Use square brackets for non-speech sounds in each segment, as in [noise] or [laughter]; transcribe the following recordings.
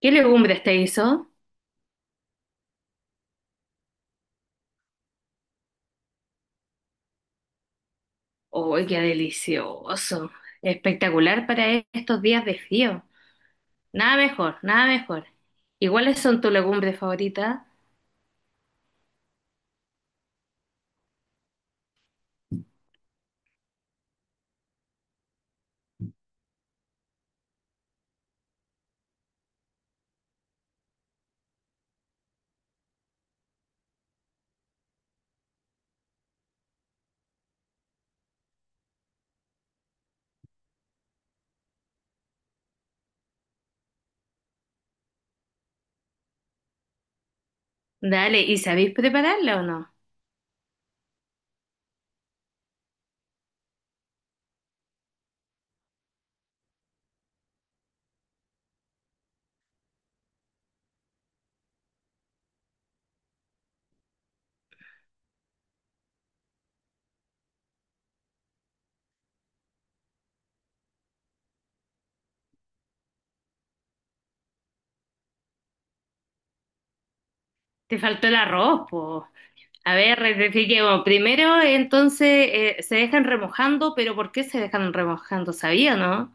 ¿Qué legumbres te hizo? ¡Uy, qué delicioso! Espectacular para estos días de frío. Nada mejor, nada mejor. ¿Y cuáles son tus legumbres favoritas? Dale, ¿y sabéis prepararla o no? Te faltó el arroz, po. A ver, rectifiquemos. Primero, entonces, se dejan remojando, pero ¿por qué se dejan remojando? ¿Sabía, o no?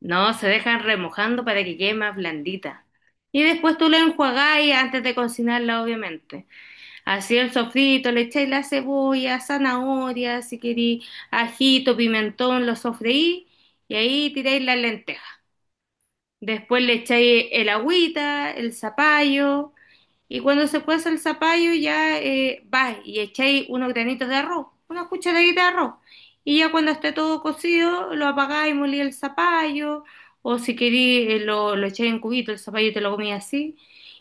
No, se dejan remojando para que quede más blandita. Y después tú lo enjuagáis antes de cocinarla, obviamente. Así el sofrito, le echáis la cebolla, zanahoria, si queréis, ajito, pimentón, lo sofreí y ahí tiráis las lentejas. Después le echáis el agüita, el zapallo y cuando se cueza el zapallo ya vais y echáis unos granitos de arroz, una cucharadita de arroz. Y ya cuando esté todo cocido, lo apagáis, y molí el zapallo o si queréis lo echáis en cubito, el zapallo te lo comí así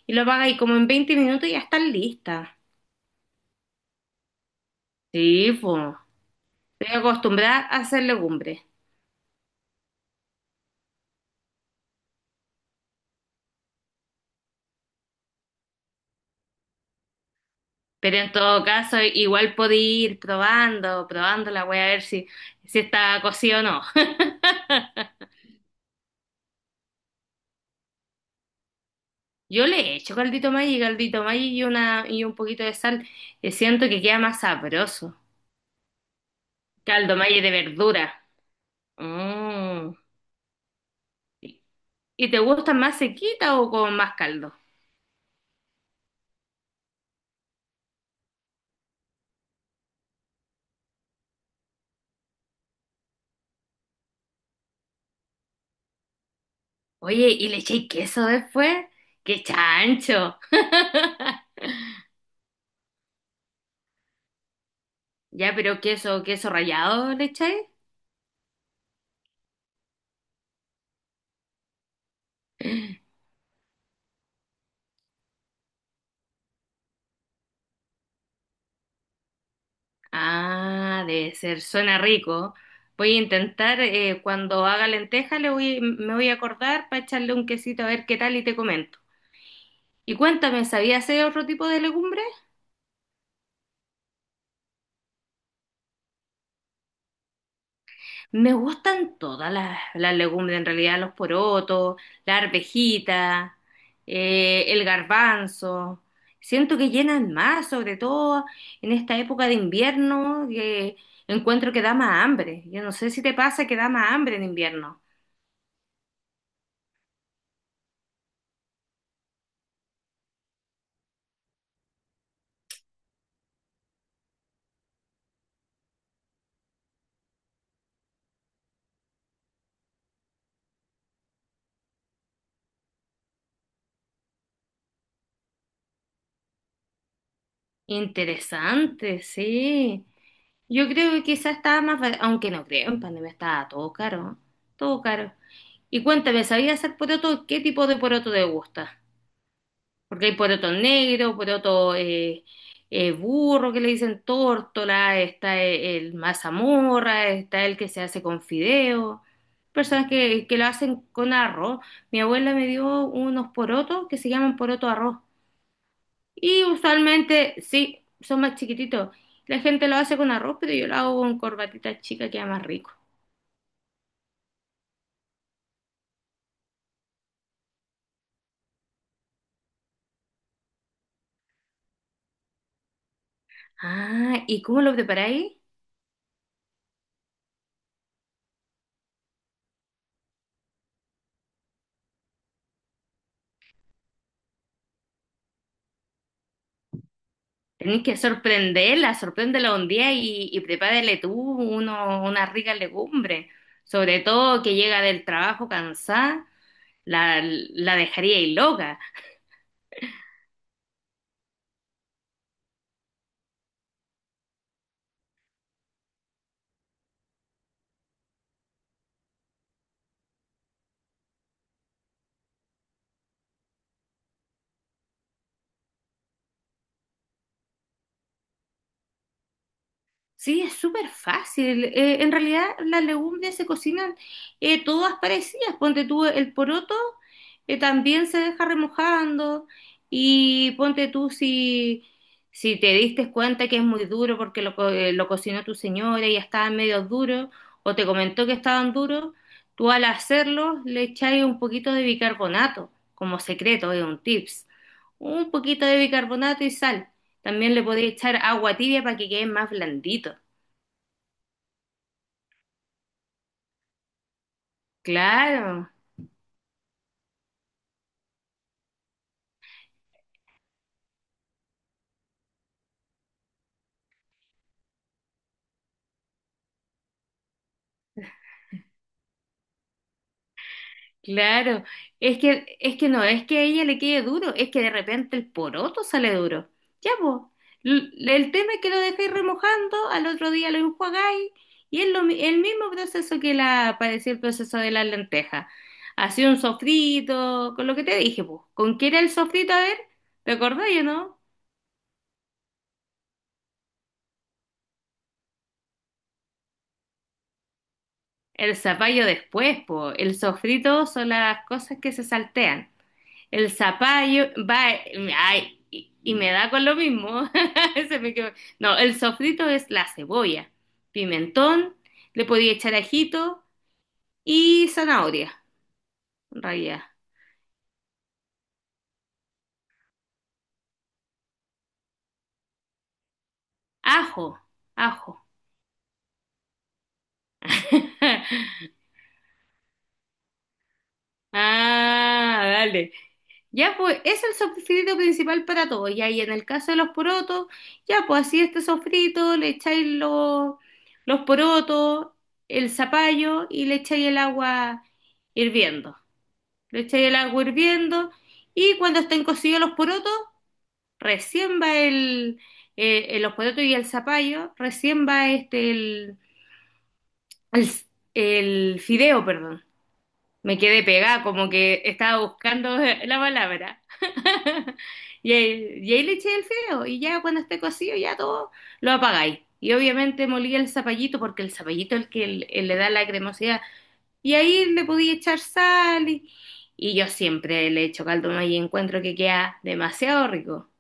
y lo apagáis como en 20 minutos y ya está lista. Sí, pues. Estoy acostumbrada a hacer legumbres, pero en todo caso igual podí ir probando, probando la voy a ver si, si está cocido o no. [laughs] Yo le he hecho caldito Maggi y un poquito de sal y siento que queda más sabroso. Caldo Maggi de verdura. Mm. ¿Y te gusta más sequita o con más caldo? Oye, ¿y le eché queso después? ¡Qué chancho! [laughs] Ya, pero queso, queso rallado le echáis. Ah, debe ser, suena rico. Voy a intentar, cuando haga lenteja, le voy, me voy a acordar para echarle un quesito a ver qué tal y te comento. Y cuéntame, ¿sabías hacer otro tipo de legumbres? Me gustan todas las legumbres, en realidad, los porotos, la arvejita, el garbanzo. Siento que llenan más, sobre todo en esta época de invierno, que encuentro que da más hambre. Yo no sé si te pasa que da más hambre en invierno. Interesante, sí. Yo creo que quizás estaba más, aunque no creo, en pandemia estaba todo caro, todo caro. Y cuéntame, ¿sabías hacer poroto? ¿Qué tipo de poroto te gusta? Porque hay poroto negro, poroto burro que le dicen tórtola, está el, mazamorra, está el que se hace con fideo, personas que lo hacen con arroz. Mi abuela me dio unos porotos que se llaman poroto arroz. Y usualmente, sí, son más chiquititos. La gente lo hace con arroz, pero yo lo hago con corbatita chica, queda más rico. Ah, ¿y cómo lo preparáis? Tenéis que sorprenderla, sorpréndela un día y prepárale tú uno, una rica legumbre. Sobre todo que llega del trabajo cansada, la dejaríais loca. Sí, es súper fácil. En realidad las legumbres se cocinan todas parecidas. Ponte tú el poroto, también se deja remojando y ponte tú si, si te diste cuenta que es muy duro porque lo cocinó tu señora y ya estaban medio duros o te comentó que estaban duros, tú al hacerlo le echáis un poquito de bicarbonato como secreto, es un tips. Un poquito de bicarbonato y sal. También le podéis echar agua tibia para que quede más blandito. Claro, claro. Es que no, es que a ella le quede duro, es que de repente el poroto sale duro. Ya, pues. El tema es que lo dejáis remojando, al otro día lo enjuagáis y es lo el mismo proceso que la, parecía el proceso de las lentejas. Hacía un sofrito, con lo que te dije, pues. ¿Con qué era el sofrito? A ver, ¿te acordáis o no? El zapallo después, pues. El sofrito son las cosas que se saltean. El zapallo, va, ay, y me da con lo mismo. [laughs] Se me quedó. No, el sofrito es la cebolla, pimentón, le podía echar ajito y zanahoria, en realidad. Ajo, ajo. [laughs] Ah, dale. Ya pues, es el sofrito principal para todo. Ya, y ahí en el caso de los porotos, ya pues así este sofrito, le echáis los porotos, el zapallo y le echáis el agua hirviendo. Le echáis el agua hirviendo y cuando estén cocidos los porotos, recién va los porotos y el zapallo, recién va el, el fideo, perdón. Me quedé pegada, como que estaba buscando la palabra. [laughs] Y ahí le eché el fideo y ya cuando esté cocido ya todo lo apagáis. Y obviamente molí el zapallito porque el zapallito es el que le da la cremosidad. Y ahí le podía echar sal, y yo siempre le echo caldo de maíz y encuentro que queda demasiado rico.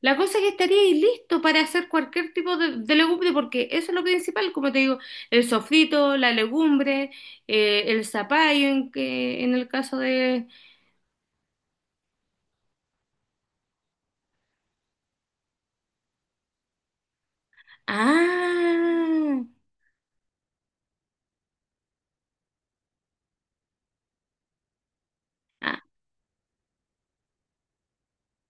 La cosa es que estaría ahí listo para hacer cualquier tipo de legumbre porque eso es lo principal, como te digo, el sofrito, la legumbre, el zapallo en el caso de... Ah, ah,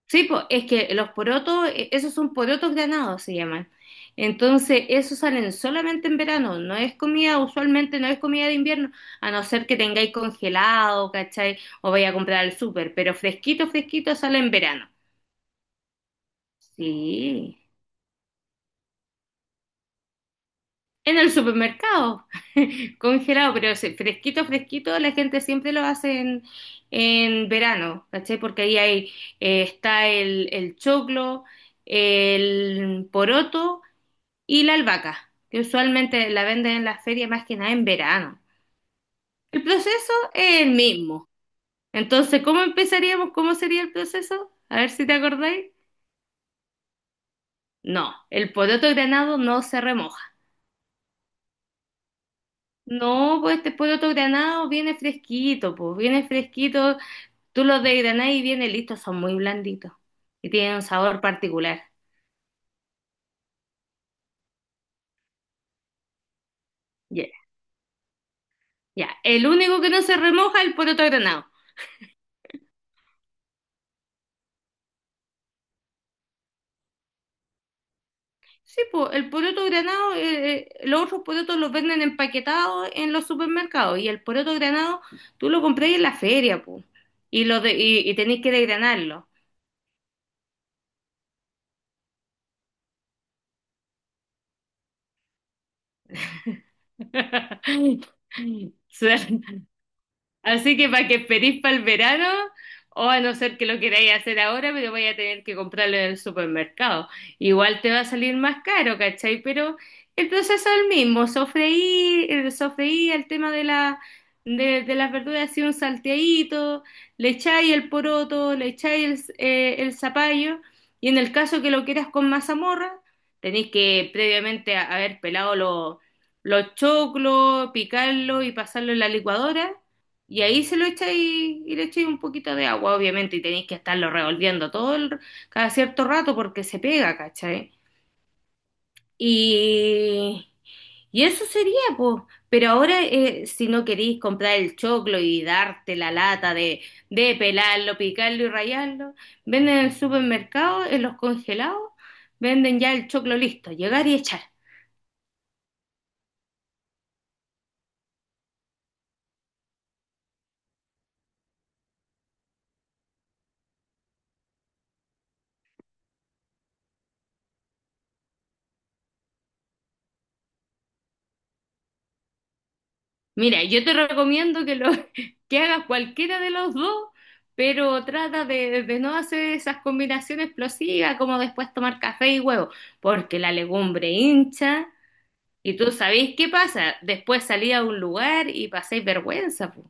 sí, po, es que los porotos, esos son porotos granados, se llaman. Entonces, esos salen solamente en verano, no es comida, usualmente no es comida de invierno, a no ser que tengáis congelado, ¿cachai? O vaya a comprar al súper, pero fresquito, fresquito sale en verano. Sí, en el supermercado, [laughs] congelado, pero ese fresquito, fresquito, la gente siempre lo hace en verano, ¿cachai? Porque ahí hay, está el choclo, el poroto y la albahaca, que usualmente la venden en las ferias más que nada en verano. El proceso es el mismo. Entonces, ¿cómo empezaríamos? ¿Cómo sería el proceso? A ver si te acordáis. No, el poroto granado no se remoja. No, pues este poroto granado viene fresquito, pues viene fresquito. Tú lo desgranás y viene listo, son muy blanditos y tienen un sabor particular. Ya, ya. El único que no se remoja es el poroto granado. Sí, pues el poroto granado, los otros porotos los venden empaquetados en los supermercados y el poroto granado tú lo compras en la feria, pues, y tenéis que desgranarlo. [laughs] Suerte. Así que para que esperéis para el verano, o a no ser que lo queráis hacer ahora, pero vais a tener que comprarlo en el supermercado. Igual te va a salir más caro, ¿cachai? Pero el proceso es el mismo, sofreí, sofreí el tema de las verduras, así un salteadito, le echáis el poroto, le echáis el zapallo, y en el caso que lo quieras con mazamorra, tenéis que previamente haber pelado los choclos, picarlo y pasarlo en la licuadora. Y ahí se lo echáis y le echáis un poquito de agua, obviamente, y tenéis que estarlo revolviendo cada cierto rato porque se pega, ¿cachai? Y, y eso sería, pues. Pero ahora, si no queréis comprar el choclo y darte la lata de pelarlo, picarlo y rallarlo, venden en el supermercado, en los congelados, venden ya el choclo listo, llegar y echar. Mira, yo te recomiendo que lo [laughs] que hagas cualquiera de los dos, pero trata de no hacer esas combinaciones explosivas como después tomar café y huevo, porque la legumbre hincha y tú sabéis qué pasa, después salís a un lugar y pasáis vergüenza, po.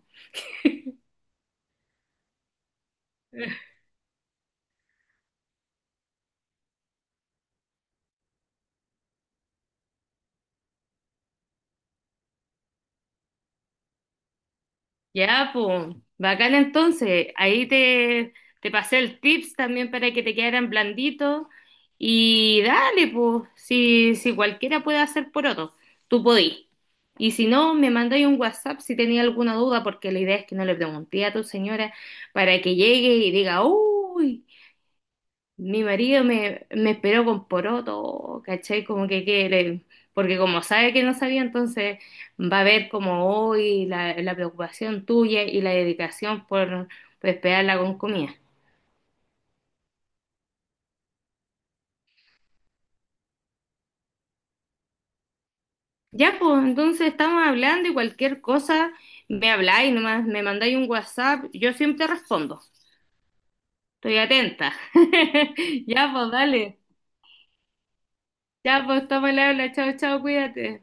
Ya, pues, bacán entonces. Te pasé el tips también para que te quedaran blanditos. Y dale, pues, si, si cualquiera puede hacer poroto, tú podís. Y si no, me mandáis un WhatsApp si tenía alguna duda, porque la idea es que no le pregunté a tu señora para que llegue y diga, uy, mi marido me esperó con poroto, ¿cachai? Como que quiere, porque como sabe que no sabía, entonces va a ver como hoy la preocupación tuya y la dedicación por esperarla con comida. Ya, pues, entonces estamos hablando y cualquier cosa, me habláis nomás, me mandáis un WhatsApp, yo siempre respondo, estoy atenta. [laughs] Ya, pues, dale. Ya, pues, toma el habla, chao, chao, cuídate.